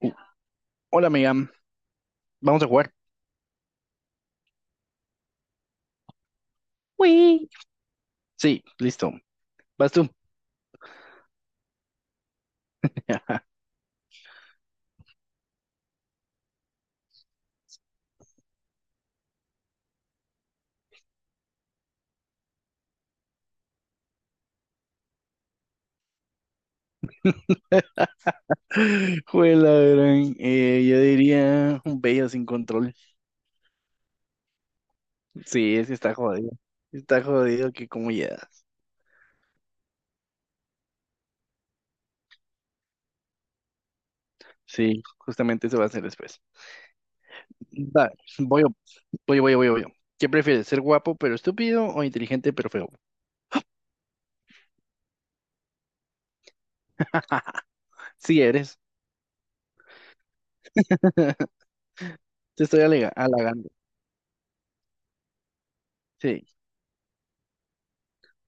Uh, Hola, amiga. Vamos a jugar. Uy, sí, listo. Vas tú. Juela, gran. Yo diría un bello sin control. Sí, es que está jodido. Está jodido que como llegas. Sí, justamente eso va a ser después. Va, voy yo, voy yo, voy yo, voy yo, voy yo. ¿Qué prefieres, ser guapo pero estúpido o inteligente pero feo? Sí eres. Te estoy halagando. Sí,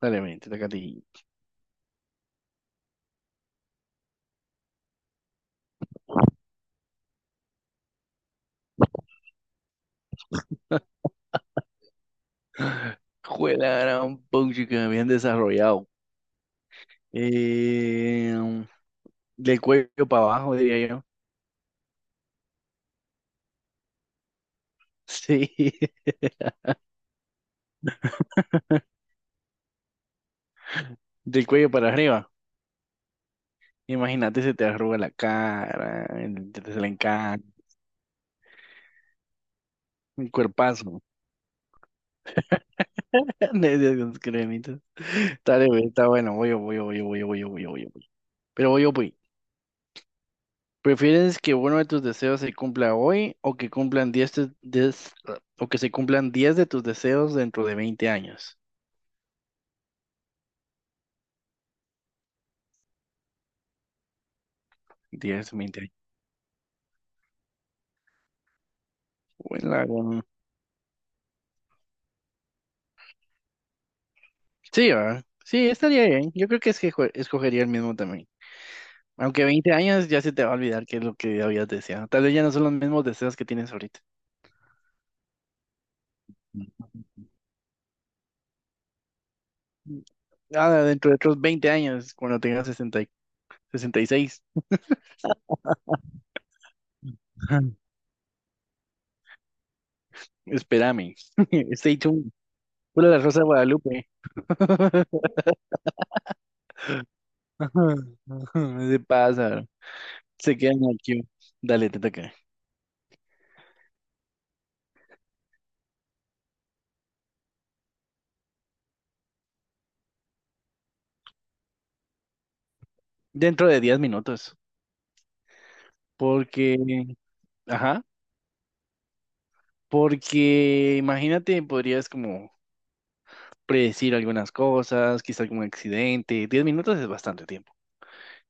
dale, ven, te toca a ti. Juela, gran. Puchica, bien desarrollado. Eh, Del cuello para abajo, diría yo. Sí, del cuello para arriba. Imagínate, se te arruga la cara, te se le encanta, un cuerpazo. De esas con cremitas. Dale, güey, está bueno. Voy yo, voy yo, voy yo, voy yo, voy yo, voy yo, voy yo, pero voy yo, voy. ¿Prefieres que uno de tus deseos se cumpla hoy o que cumplan 10 o que se cumplan 10 de tus deseos dentro de 20 años? Diez veinte años. Bueno, la gran. Sí, ¿verdad? Sí, estaría bien. Yo creo que es que escogería el mismo también. Aunque 20 años ya se te va a olvidar qué es lo que habías deseado. Tal vez ya no son los mismos deseos que tienes ahorita. Mm. Ah, dentro de otros 20 años, cuando tengas 66. Espérame. Stay tuned. Pura la Rosa de Guadalupe. Se pasa. Se quedan aquí. Dale, te toca. Dentro de 10 minutos. Porque, ajá, porque imagínate, podrías como predecir algunas cosas, quizá algún accidente. 10 minutos es bastante tiempo.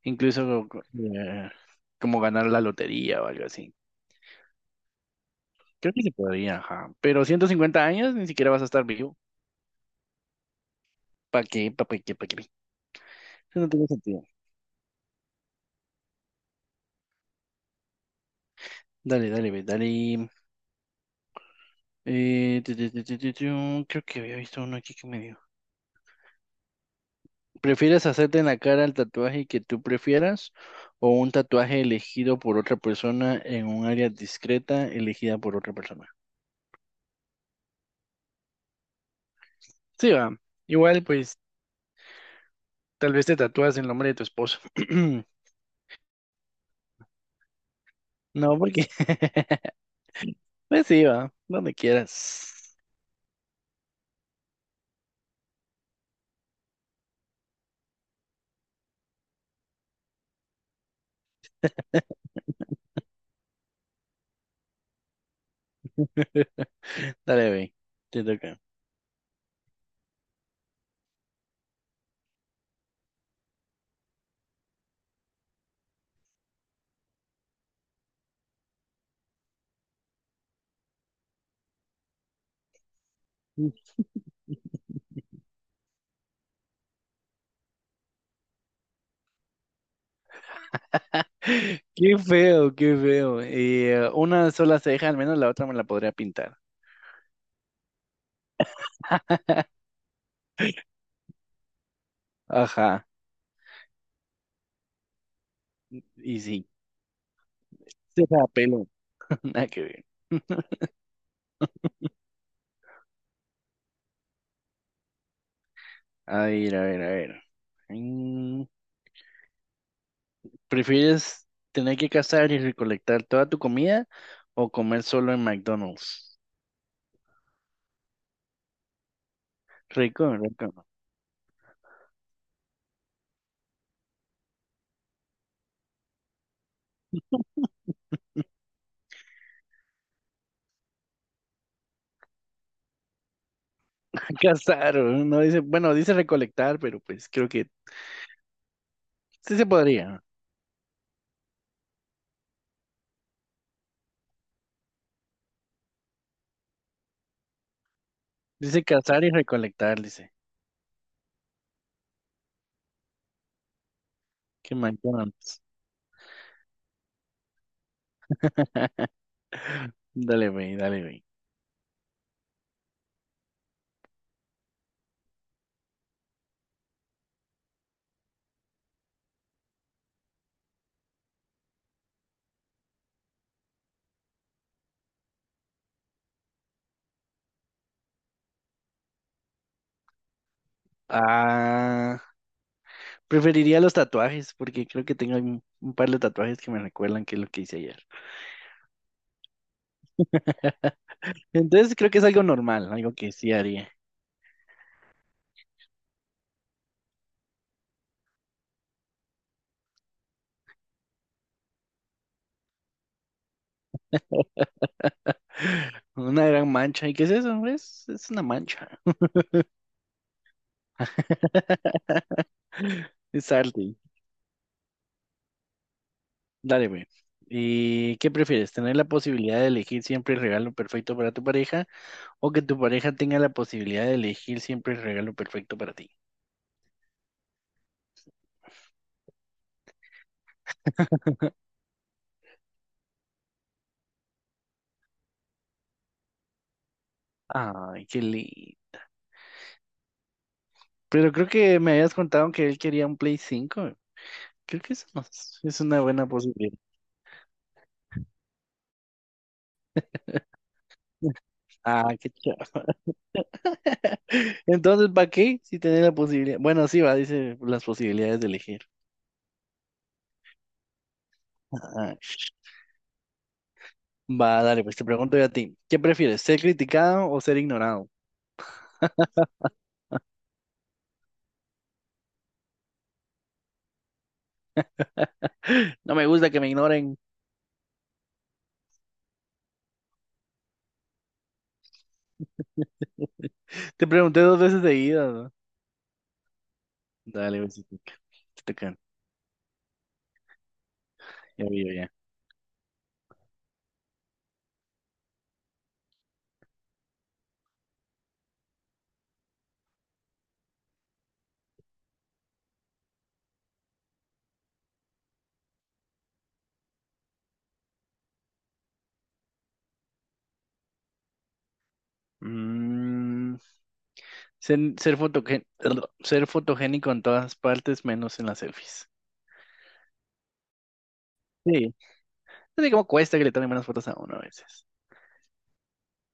Incluso eh, como ganar la lotería o algo así. Creo que se podría, ajá. Pero 150 años ni siquiera vas a estar vivo. ¿Para qué? ¿Para qué? ¿Para qué? Eso no tiene sentido. Dale, dale, ve, dale. Tu. Creo que había visto uno aquí que me dio. ¿Prefieres hacerte en la cara el tatuaje que tú prefieras o un tatuaje elegido por otra persona en un área discreta elegida por otra persona? Sí, va. Igual, pues, tal vez te tatúas el nombre de tu esposo. No, porque pues sí, va, donde quieras. Dale, ve, te toca. Qué feo, qué feo. Y, una sola ceja, al menos la otra me la podría pintar. Ajá, y sí. Ceja a pelo, nada que ver. A ver, a ver, a ver. Mm, ¿Prefieres tener que cazar y recolectar toda tu comida o comer solo en McDonald's? Rico, rico. Cazar, no. No dice, bueno, dice recolectar, pero pues creo que sí se podría. Dice cazar y recolectar, dice. Que McDonald's. Dale, güey, dale, güey. Ah, preferiría los tatuajes porque creo que tengo un par de tatuajes que me recuerdan que es lo que hice ayer. Entonces creo que es algo normal, algo que sí haría. Una gran mancha. ¿Y qué es eso? Es una mancha. Es arte. Dale, güey. ¿Y qué prefieres? ¿Tener la posibilidad de elegir siempre el regalo perfecto para tu pareja o que tu pareja tenga la posibilidad de elegir siempre el regalo perfecto para ti? Ay, qué lindo. Pero creo que me habías contado que él quería un Play 5. Creo que eso no es, es una buena posibilidad. Ah, qué chido. Entonces, ¿para qué? Si tenés la posibilidad. Bueno, sí, va, dice las posibilidades de elegir. Ajá. Va, dale, pues te pregunto yo a ti. ¿Qué prefieres, ser criticado o ser ignorado? No me gusta que me ignoren. Te pregunté dos veces seguidas, ¿no? Dale, pues te toca. Te toca. Ya vi, ya. Mm, ser, ser, fotogen- ser fotogénico en todas partes menos en las selfies. Sí, no sé cómo cuesta que le tomen buenas fotos a uno a veces.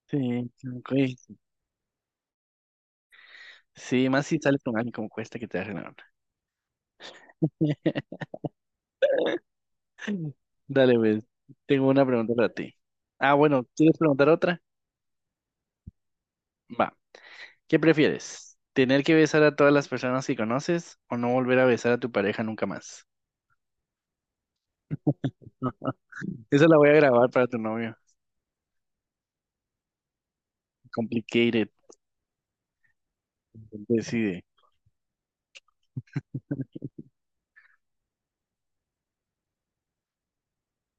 Sí, sí, güey. Sí, más si sales con alguien, como cuesta que te hagan una. Dale, pues. Tengo una pregunta para ti. Ah, bueno, ¿quieres preguntar otra? Va. ¿Qué prefieres? ¿Tener que besar a todas las personas que conoces o no volver a besar a tu pareja nunca más? Esa la voy a grabar para tu novio. Complicated. Decide.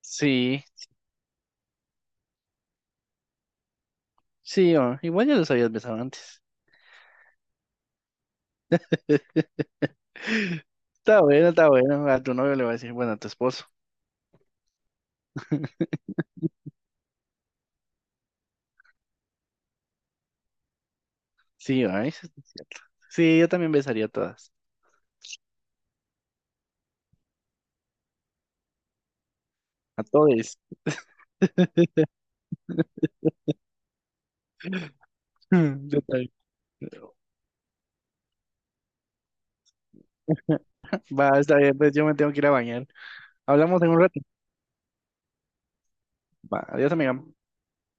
Sí, sí, oh, igual ya los habías besado antes. Está bueno, está bueno. A tu novio le va a decir, bueno, a tu esposo. Sí, oh, sí, yo también besaría a todas. A todes. Yo también. Va, está bien, pues yo me tengo que ir a bañar. Hablamos en un rato. Va, adiós, amiga.